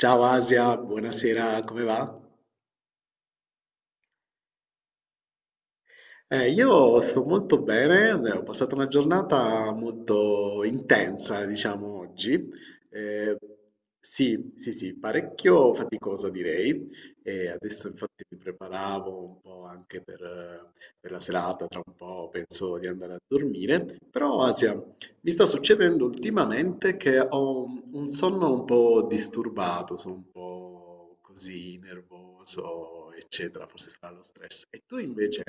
Ciao Asia, buonasera, come va? Io sto molto bene, ho passato una giornata molto intensa, diciamo, oggi. Eh, sì, sì, sì, parecchio faticosa direi. E adesso infatti mi preparavo un po' anche per la serata, tra un po' penso di andare a dormire. Però, Asia, mi sta succedendo ultimamente che ho un sonno un po' disturbato, sono un po' così nervoso, eccetera, forse sarà lo stress. E tu invece?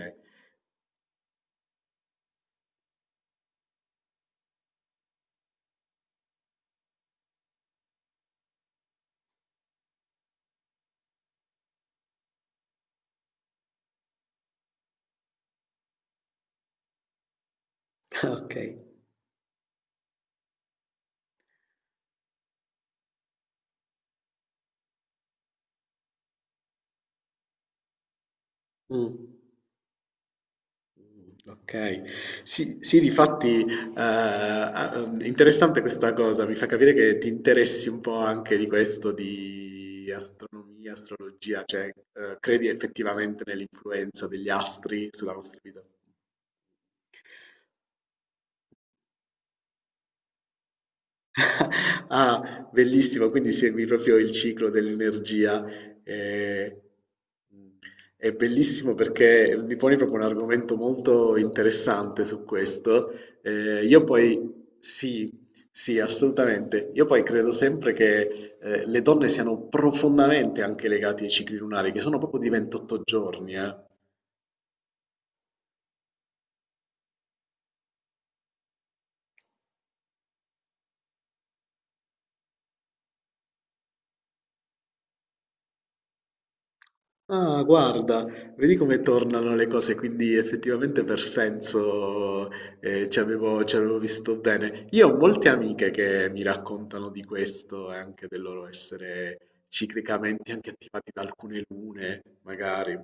Okay. Mh. Okay. Sì, sì difatti, a interessante questa cosa, mi fa capire che ti interessi un po' anche di questo, di astronomia, astrologia, cioè, credi effettivamente nell'influenza degli astri sulla nostra vita. Ah, bellissimo, quindi segui proprio il ciclo dell'energia. eh, È bellissimo perché mi poni proprio un argomento molto interessante su questo. Io poi, sì, sì, assolutamente. Io poi credo sempre che le donne siano profondamente anche legate ai cicli lunari, che sono proprio di 28 giorni, eh. Ah, guarda, vedi come tornano le cose, quindi effettivamente per senso ci avevo visto bene. Io ho molte amiche che mi raccontano di questo e anche del loro essere ciclicamente anche attivati da alcune lune, magari.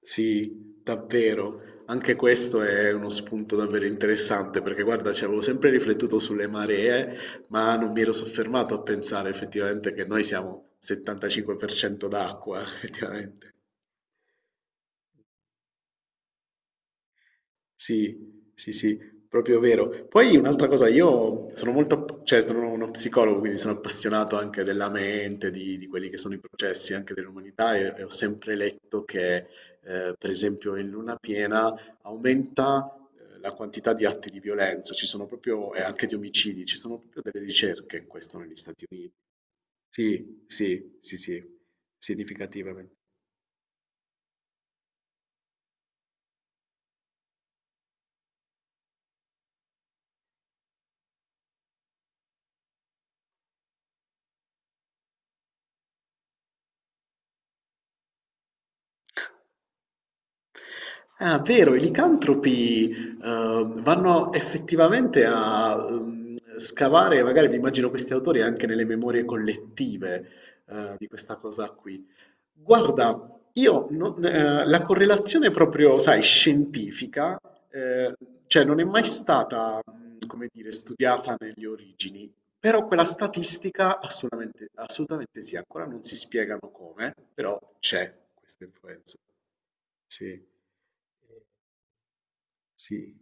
Sì, davvero. Anche questo è uno spunto davvero interessante perché guarda, ci avevo sempre riflettuto sulle maree, ma non mi ero soffermato a pensare effettivamente che noi siamo 75% d'acqua, effettivamente. Sì, sì, sì, proprio vero. Poi un'altra cosa, io sono molto, cioè sono uno psicologo, quindi sono appassionato anche della mente, di quelli che sono i processi anche dell'umanità e ho sempre letto che, per esempio, in luna piena aumenta la quantità di atti di violenza, ci sono proprio, e anche di omicidi, ci sono proprio delle ricerche in questo negli Stati Uniti. Sì, sì, sì, sì, significativamente. Ah, vero, i licantropi, vanno effettivamente a scavare, magari mi immagino questi autori anche nelle memorie collettive, di questa cosa qui. Guarda, io non- la correlazione proprio, sai, scientifica, eh, cioè non è mai stata, come dire, studiata nelle origini, però quella statistica assolutamente, assolutamente sì, ancora non si spiegano come, però c'è questa influenza. Sì. Sì.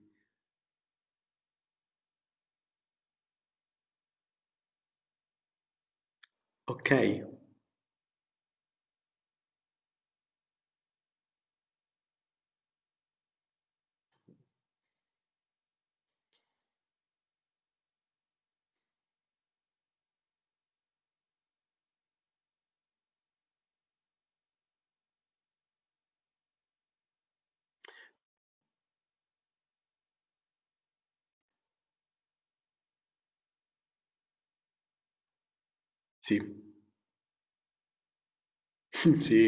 Okay. Sì. Sì.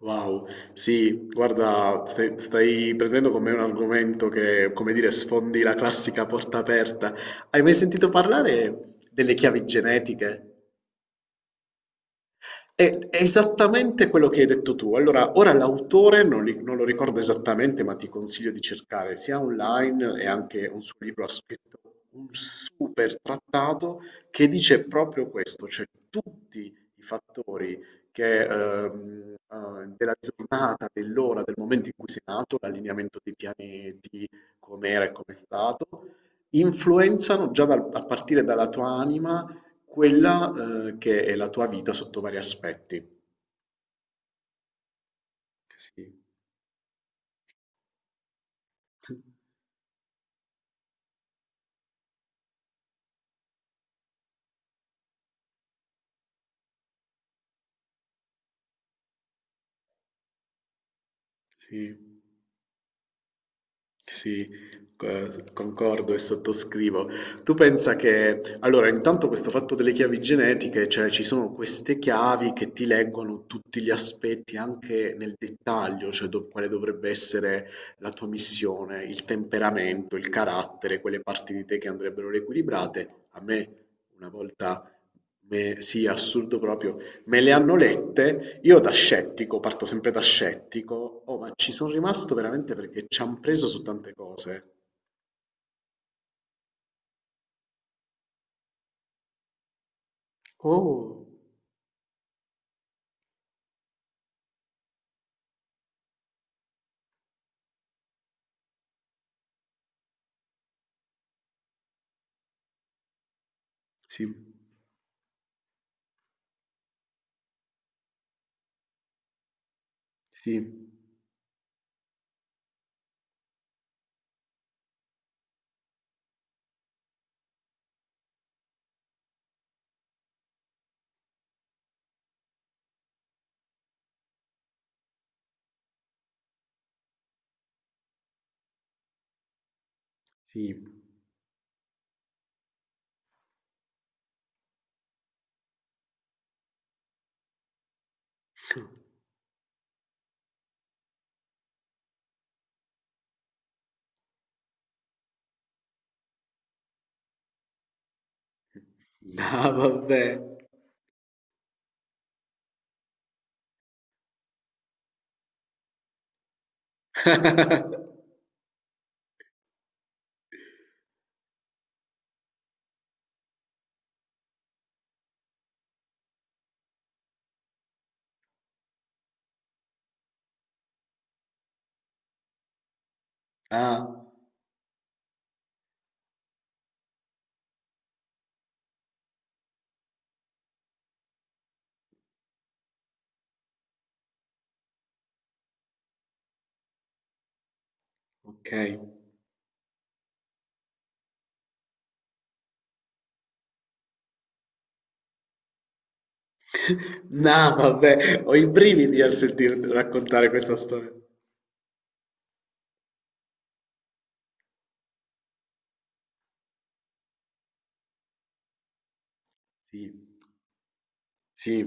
Wow. Sì, guarda, stai prendendo con me un argomento che, come dire, sfondi la classica porta aperta. Hai mai sentito parlare delle chiavi genetiche? È esattamente quello che hai detto tu. Allora, ora l'autore non lo ricordo esattamente, ma ti consiglio di cercare sia online e anche un suo libro ha scritto un super trattato che dice proprio questo, cioè tutti i fattori che, della giornata, dell'ora, del momento in cui sei nato, l'allineamento dei pianeti, com'era e com'è stato, influenzano già a partire dalla tua anima quella, che è la tua vita sotto vari aspetti. Sì, sì, sì, co concordo e sottoscrivo. Tu pensa che allora intanto questo fatto delle chiavi genetiche, cioè ci sono queste chiavi che ti leggono tutti gli aspetti anche nel dettaglio, cioè do quale dovrebbe essere la tua missione, il temperamento, il carattere, quelle parti di te che andrebbero riequilibrate. A me una volta me sì, assurdo proprio. Me le hanno lette, io da scettico, parto sempre da scettico, oh, ma ci sono rimasto veramente perché ci hanno preso su tante cose. Oh, sì, sì, sì. No, vabbè. Ah, ok. No, vabbè, ho i brividi al sentir raccontare questa storia. Sì, sì.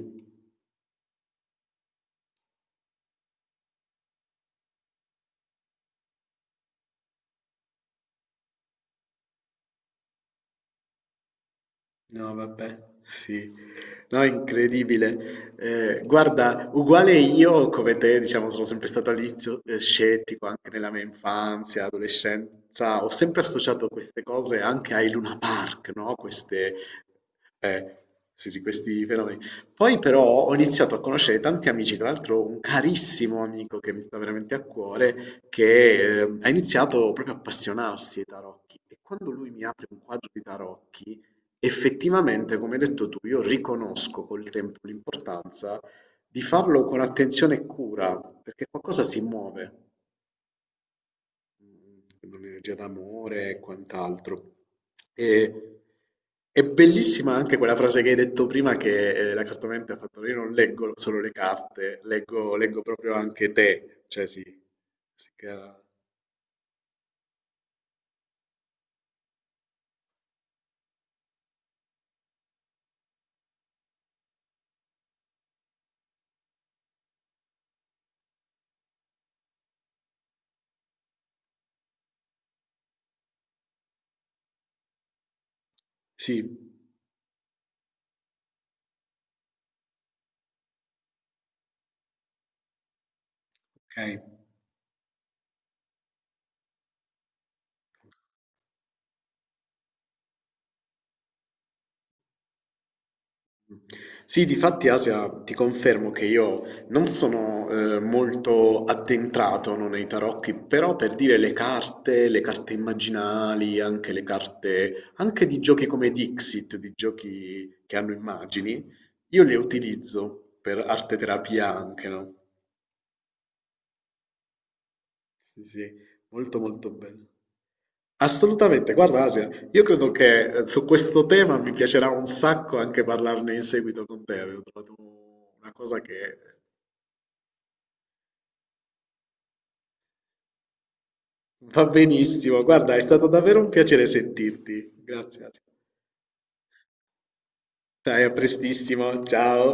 No vabbè, sì. No, è incredibile. Guarda, uguale io come te, diciamo, sono sempre stato all'inizio scettico anche nella mia infanzia, adolescenza. Ho sempre associato queste cose anche ai Luna Park, no? Queste, eh, sì, sì, questi fenomeni. Poi però ho iniziato a conoscere tanti amici, tra l'altro un carissimo amico che mi sta veramente a cuore, che ha iniziato proprio a appassionarsi ai tarocchi. E quando lui mi apre un quadro di tarocchi, effettivamente, come hai detto tu, io riconosco col tempo l'importanza di farlo con attenzione e cura, perché qualcosa si muove, mm, un'energia d'amore e quant'altro. E, è bellissima anche quella frase che hai detto prima che la cartomante ha fatto, io non leggo solo le carte, leggo, leggo proprio anche te, cioè sì, si crea- sì, ok. Sì, difatti Asia, ti confermo che io non sono molto addentrato no, nei tarocchi, però per dire le carte immaginali, anche le carte, anche di giochi come Dixit, di giochi che hanno immagini, io le utilizzo per arte terapia anche, no? Sì, sì, molto molto bello. Assolutamente, guarda Asia, io credo che su questo tema mi piacerà un sacco anche parlarne in seguito con te. Avevo trovato una cosa che va benissimo, guarda, è stato davvero un piacere sentirti. Grazie. Dai, a prestissimo, ciao.